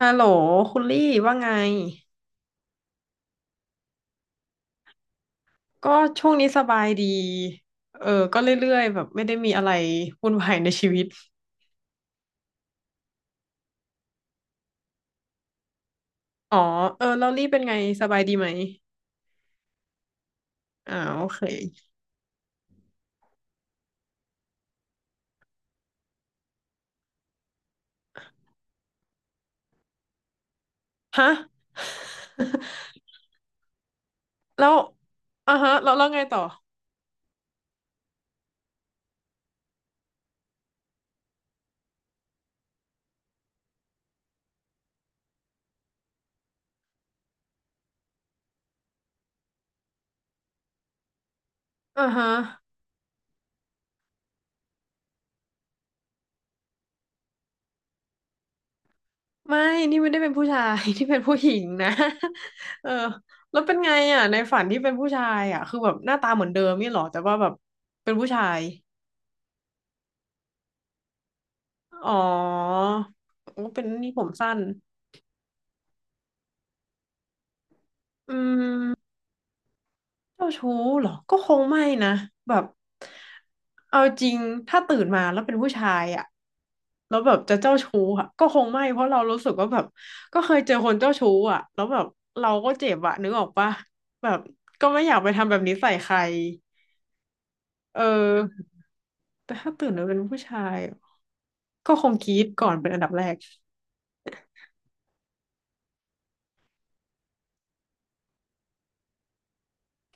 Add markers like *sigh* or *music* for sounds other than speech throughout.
ฮัลโหลคุณลี่ว่าไงก็ช่วงนี้สบายดีเออก็เรื่อยๆแบบไม่ได้มีอะไรวุ่นวายในชีวิตอ๋อเออแล้วลี่เป็นไงสบายดีไหมอ่าโอเคฮะ *laughs* แล้วแล้วไงต่ออ่าฮะไม่นี่ไม่ได้เป็นผู้ชาย *laughs* ที่เป็นผู้หญิงนะ *laughs* เออแล้วเป็นไงอ่ะในฝันที่เป็นผู้ชายอ่ะแบบหน้าตาเหมือนเดิมนี่หรอแต่ว่าแบบเป็นผู้ชายอ๋อโอ้เป็นนี่ผมสั้นอืม เจ้าชู้เหรอก็คงไม่นะแบบเอาจริงถ้าตื่นมาแล้วเป็นผู้ชายอะแล้วแบบจะเจ้าชู้อะก็คงไม่เพราะเรารู้สึกว่าแบบก็เคยเจอคนเจ้าชู้อะแล้วแบบเราก็เจ็บอะนึกออกปะแบบก็ไม่อยากไปทำแบบนี้ใส่ใครเออแต่ถ้าตื่นมาเป็นผู้ชายอะก็คงกรี๊ดก่อนเป็นอันดับแรก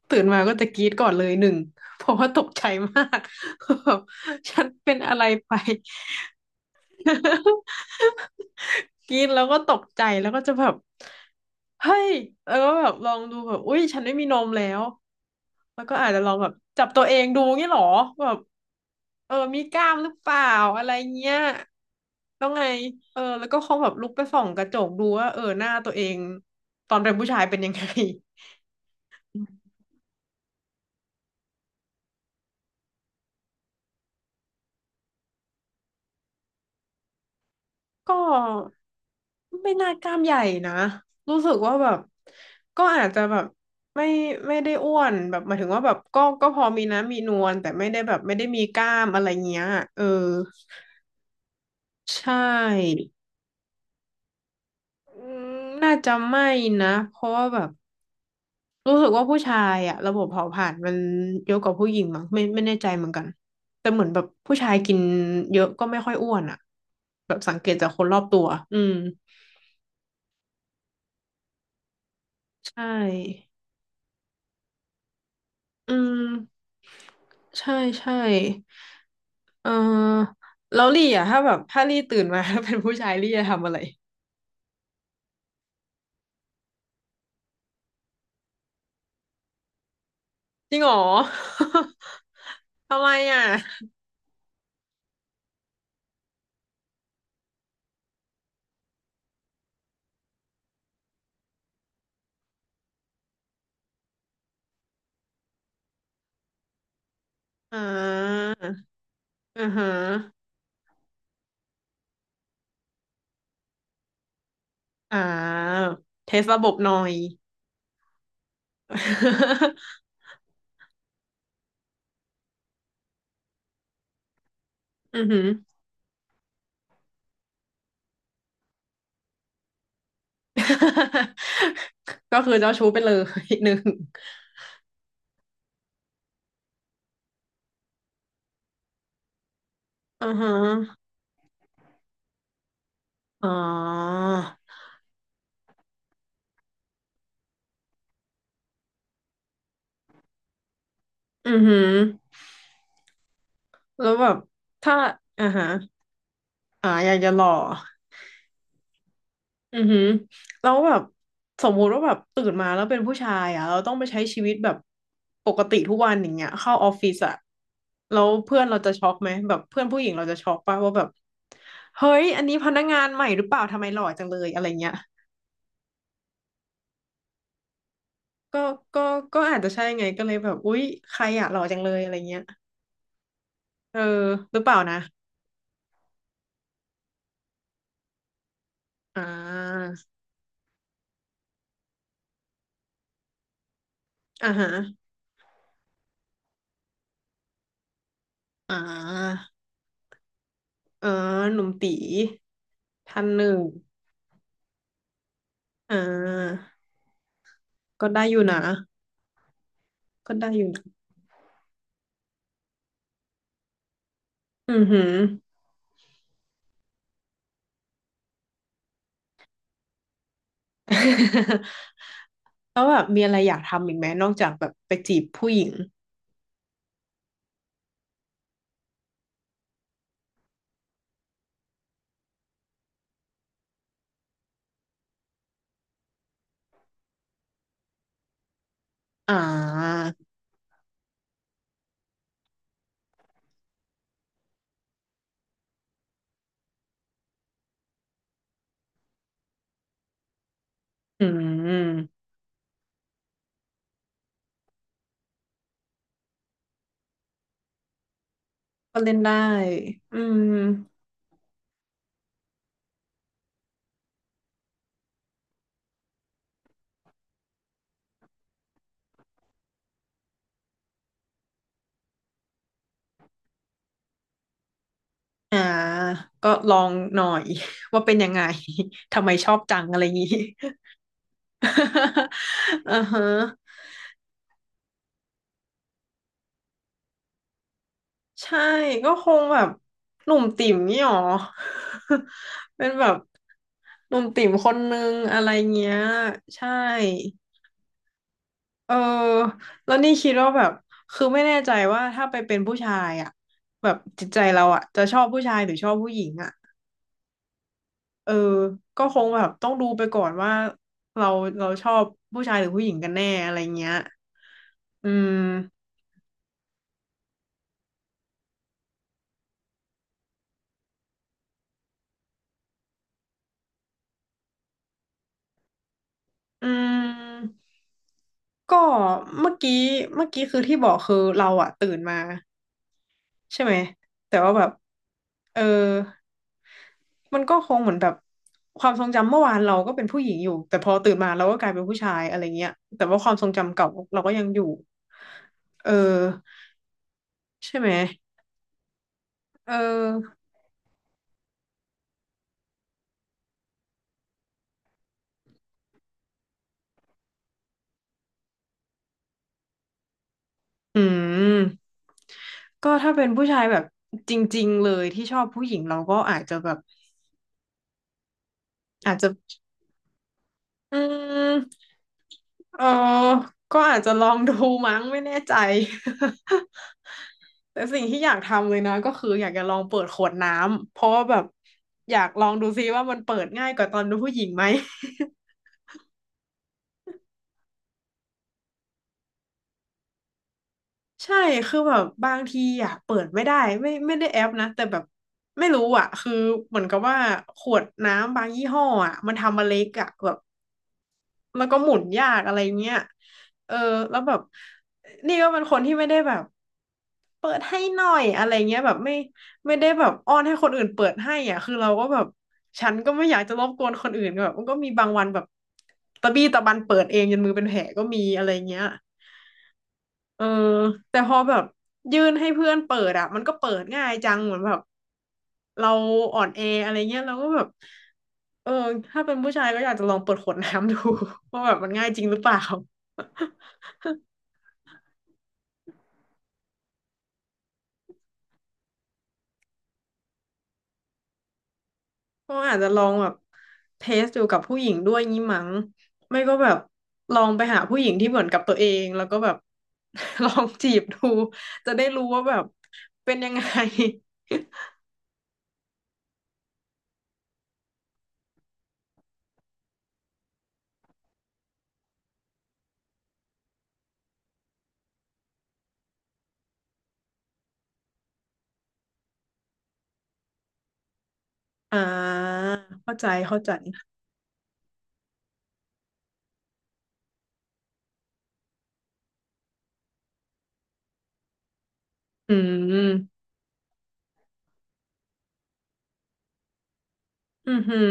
ตื่นมาก็จะกรี๊ดก่อนเลยหนึ่งเพราะว่าตกใจมาก *laughs* แบบฉันเป็นอะไรไป *laughs* กรี๊ดแล้วก็ตกใจแล้วก็จะแบบเฮ้ยแล้วก็แบบลองดูแบบอุ้ยฉันไม่มีนมแล้วแล้วก็อาจจะลองแบบจับตัวเองดูงี้เหรอแบบเออมีกล้ามหรือเปล่าอะไรเงี้ยแล้วไงเออแล้วก็คงแบบลุกไปส่องกระจกดูว่าเออหน้าตัวเองตอนเป็นผู้ชายเป็นยังไง ก็ไม่น่ากล้ามใหญ่นะรู้สึกว่าแบบก็อาจจะแบบไม่ไม่ได้อ้วนแบบหมายถึงว่าแบบก็พอมีน้ำมีนวลแต่ไม่ได้แบบไม่ได้มีกล้ามอะไรเงี้ยเออใช่อืมน่าจะไม่นะเพราะว่าแบบรู้สึกว่าผู้ชายอะระบบเผาผลาญมันเยอะกว่าผู้หญิงมั้งไม่แน่ใจเหมือนกันแต่เหมือนแบบผู้ชายกินเยอะก็ไม่ค่อยอ้วนอะแบบสังเกตจากคนรอบตัวอืมใช่ อืมใช่ใช่เออแล้วลี่อ่ะถ้าแบบถ้าลี่ตื่นมาแล้วเป็นผู้ชายลี่จะทำอะไรจริงเหรอ *laughs* ทำไมอ่ะอ่าอือฮะอ่าเทสระบบหน่อย *laughs* อือหือ *laughs* ก็คือเจ้าชู้ไปเลย *laughs* หนึ่งอือฮะอ๋ออือหือแล้วแบบถ้าอ่าฮะอ่าอยากจะหล่อ อือหือแล้วแบบสมมุติว่าแบบตื่นมาแล้วเป็นผู้ชายอ่ะเราต้องไปใช้ชีวิตแบบปกติทุกวันอย่างเงี้ยเข้าออฟฟิศอ่ะแล้วเพื่อนเราจะช็อกไหมแบบเพื่อนผู้หญิงเราจะช็อกป่ะว่าแบบเฮ้ยอันนี้พนักงานใหม่หรือเปล่าทำไมหล่อจังเลยอะไรเงี้ยก็ก็ก็อาจจะใช่ไงก็เลยแบบอุ๊ยใครอะหล่อจังเลยอะไรเงี้ยเออหรือเปล่านะอ่าอ่าฮะอ่าเออหนุ่มตีท่านหนึ่งอ่าก็ได้อยู่นะก็ได้อยู่ อือหือ *laughs* แล้วแบบมีอะไรอยากทำอีกไหมนอกจากแบบไปจีบผู้หญิง อ่าอืม ก็เล่นได้ อืม อ่า ก็ลองหน่อย *laughs* ว่าเป็นยังไง *laughs* ทำไมชอบจังอะไรอย่างงี้ *laughs* อือฮะใช่ ก็คงแบบหนุ่มติ่มนี่หรอ *laughs* เป็นแบบหนุ่มติ่มคนนึงอะไรเงี้ยใช่ เออแล้วนี่คิดว่าแบบคือไม่แน่ใจว่าถ้าไปเป็นผู้ชายอ่ะแบบจิตใจเราอ่ะจะชอบผู้ชายหรือชอบผู้หญิงอ่ะเออก็คงแบบต้องดูไปก่อนว่าเราเราชอบผู้ชายหรือผู้หญิงกันแน่อะไรเงี้ยอืมอืมก็เมื่อกี้เมื่อกี้คือที่บอกคือเราอ่ะตื่นมาใช่ไหมแต่ว่าแบบเออ มันก็คงเหมือนแบบความทรงจำเมื่อวานเราก็เป็นผู้หญิงอยู่แต่พอตื่นมาเราก็กลายเป็นผู้ชายอะไรเงี้ยแต่ว่าความทรงจำเก่าเราก็ยังอยู่เออใช่ไหมเอออืมก็ถ้าเป็นผู้ชายแบบจริงๆเลยที่ชอบผู้หญิงเราก็อาจจะแบบอาจจะอืมเออก็อาจจะลองดูมั้งไม่แน่ใจ *laughs* แต่สิ่งที่อยากทำเลยนะก็คืออยากจะลองเปิดขวดน้ำเพราะว่าแบบอยากลองดูซิว่ามันเปิดง่ายกว่าตอนดูผู้หญิงไหม *laughs* ใช่คือแบบบางทีอะเปิดไม่ได้ไม่ได้แอปนะแต่แบบไม่รู้อะคือเหมือนกับว่าขวดน้ำบางยี่ห้ออะมันทำมาเล็กอะแบบแล้วก็หมุนยากอะไรเงี้ยเออแล้วแบบนี่ก็เป็นคนที่ไม่ได้แบบ เปิดให้หน่อยอะไรเงี้ยแบบไม่ได้แบบอ้อนให้คนอื่นเปิดให้อ่ะคือเราก็แบบฉันก็ไม่อยากจะรบกวนคนอื่นแบบมันก็มีบางวันแบบตะบี้ตะบันเปิดเองจนมือเป็นแผลก็มีอะไรเงี้ยเออแต่พอแบบยื่นให้เพื่อนเปิดอ่ะมันก็เปิดง่ายจังเหมือนแบบเราอ่อนแออะไรเงี้ยเราก็แบบเออถ้าเป็นผู้ชายก็อยากจะลองเปิดขวดน้ำดู *laughs* ว่าแบบมันง่ายจริงหรือเปล่า ก็อาจจะลองแบบเทสอยู่กับผู้หญิงด้วยงี้มั้งไม่ก็แบบลองไปหาผู้หญิงที่เหมือนกับตัวเองแล้วก็แบบ *laughs* ลองจีบดูจะได้รู้ว่าแบบเป็นยังไง *laughs* อ่าเข้าใจอืมอือหือ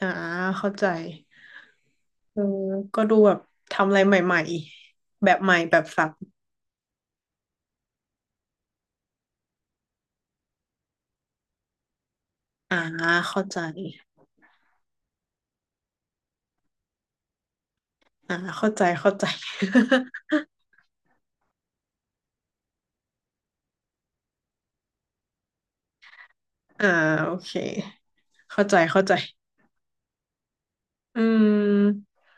อ่าเข้าใจเออก็ดูแบบทำอะไรใหม่ๆแบบใหม่แบบสับอ่าเข้าใจเข้าใจเข้าใจ *laughs* อ่าโอเคเข้าใจอืม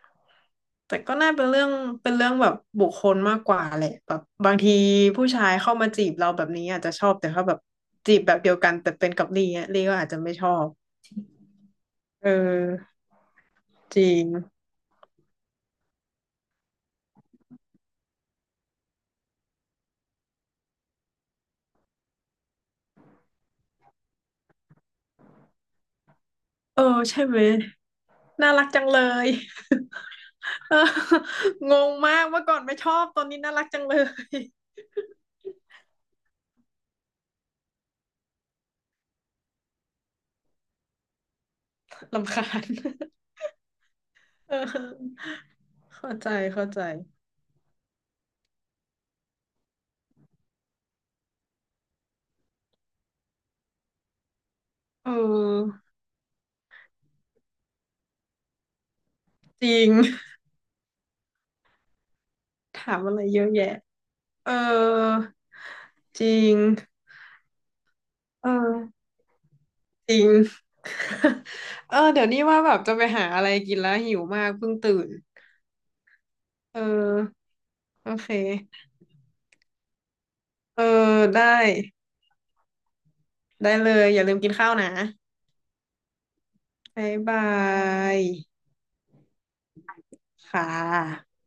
แต่ก็น่าเป็นเรื่องเป็นเรื่องแบบบุคคลมากกว่าแหละแบบบางทีผู้ชายเข้ามาจีบเราแบบนี้อาจจะชอบแต่เขาแบบจีบแบบเดียวกันแต่เป็นกับลีอน่ยลีก็อาจจะไม่ชอบเออจริงเออใช่ไหมน่ารักจังเลย *laughs* เอองงมากเมื่อก่อนไม่ชอบตอนนี้น่ารักจังเลย *laughs* รำคาญ *laughs* เออเข้าใจเออจริง *laughs* ถามอะไรเยอะแยะเออจริงเออ จริง *laughs* เออเดี๋ยวนี้ว่าแบบจะไปหาอะไรกินแล้วหิวมากเพิ่งตื่นเออโอเคเออได้ได้เลยอย่าลืมกินข้าวนะบ๊ายบายค่ะ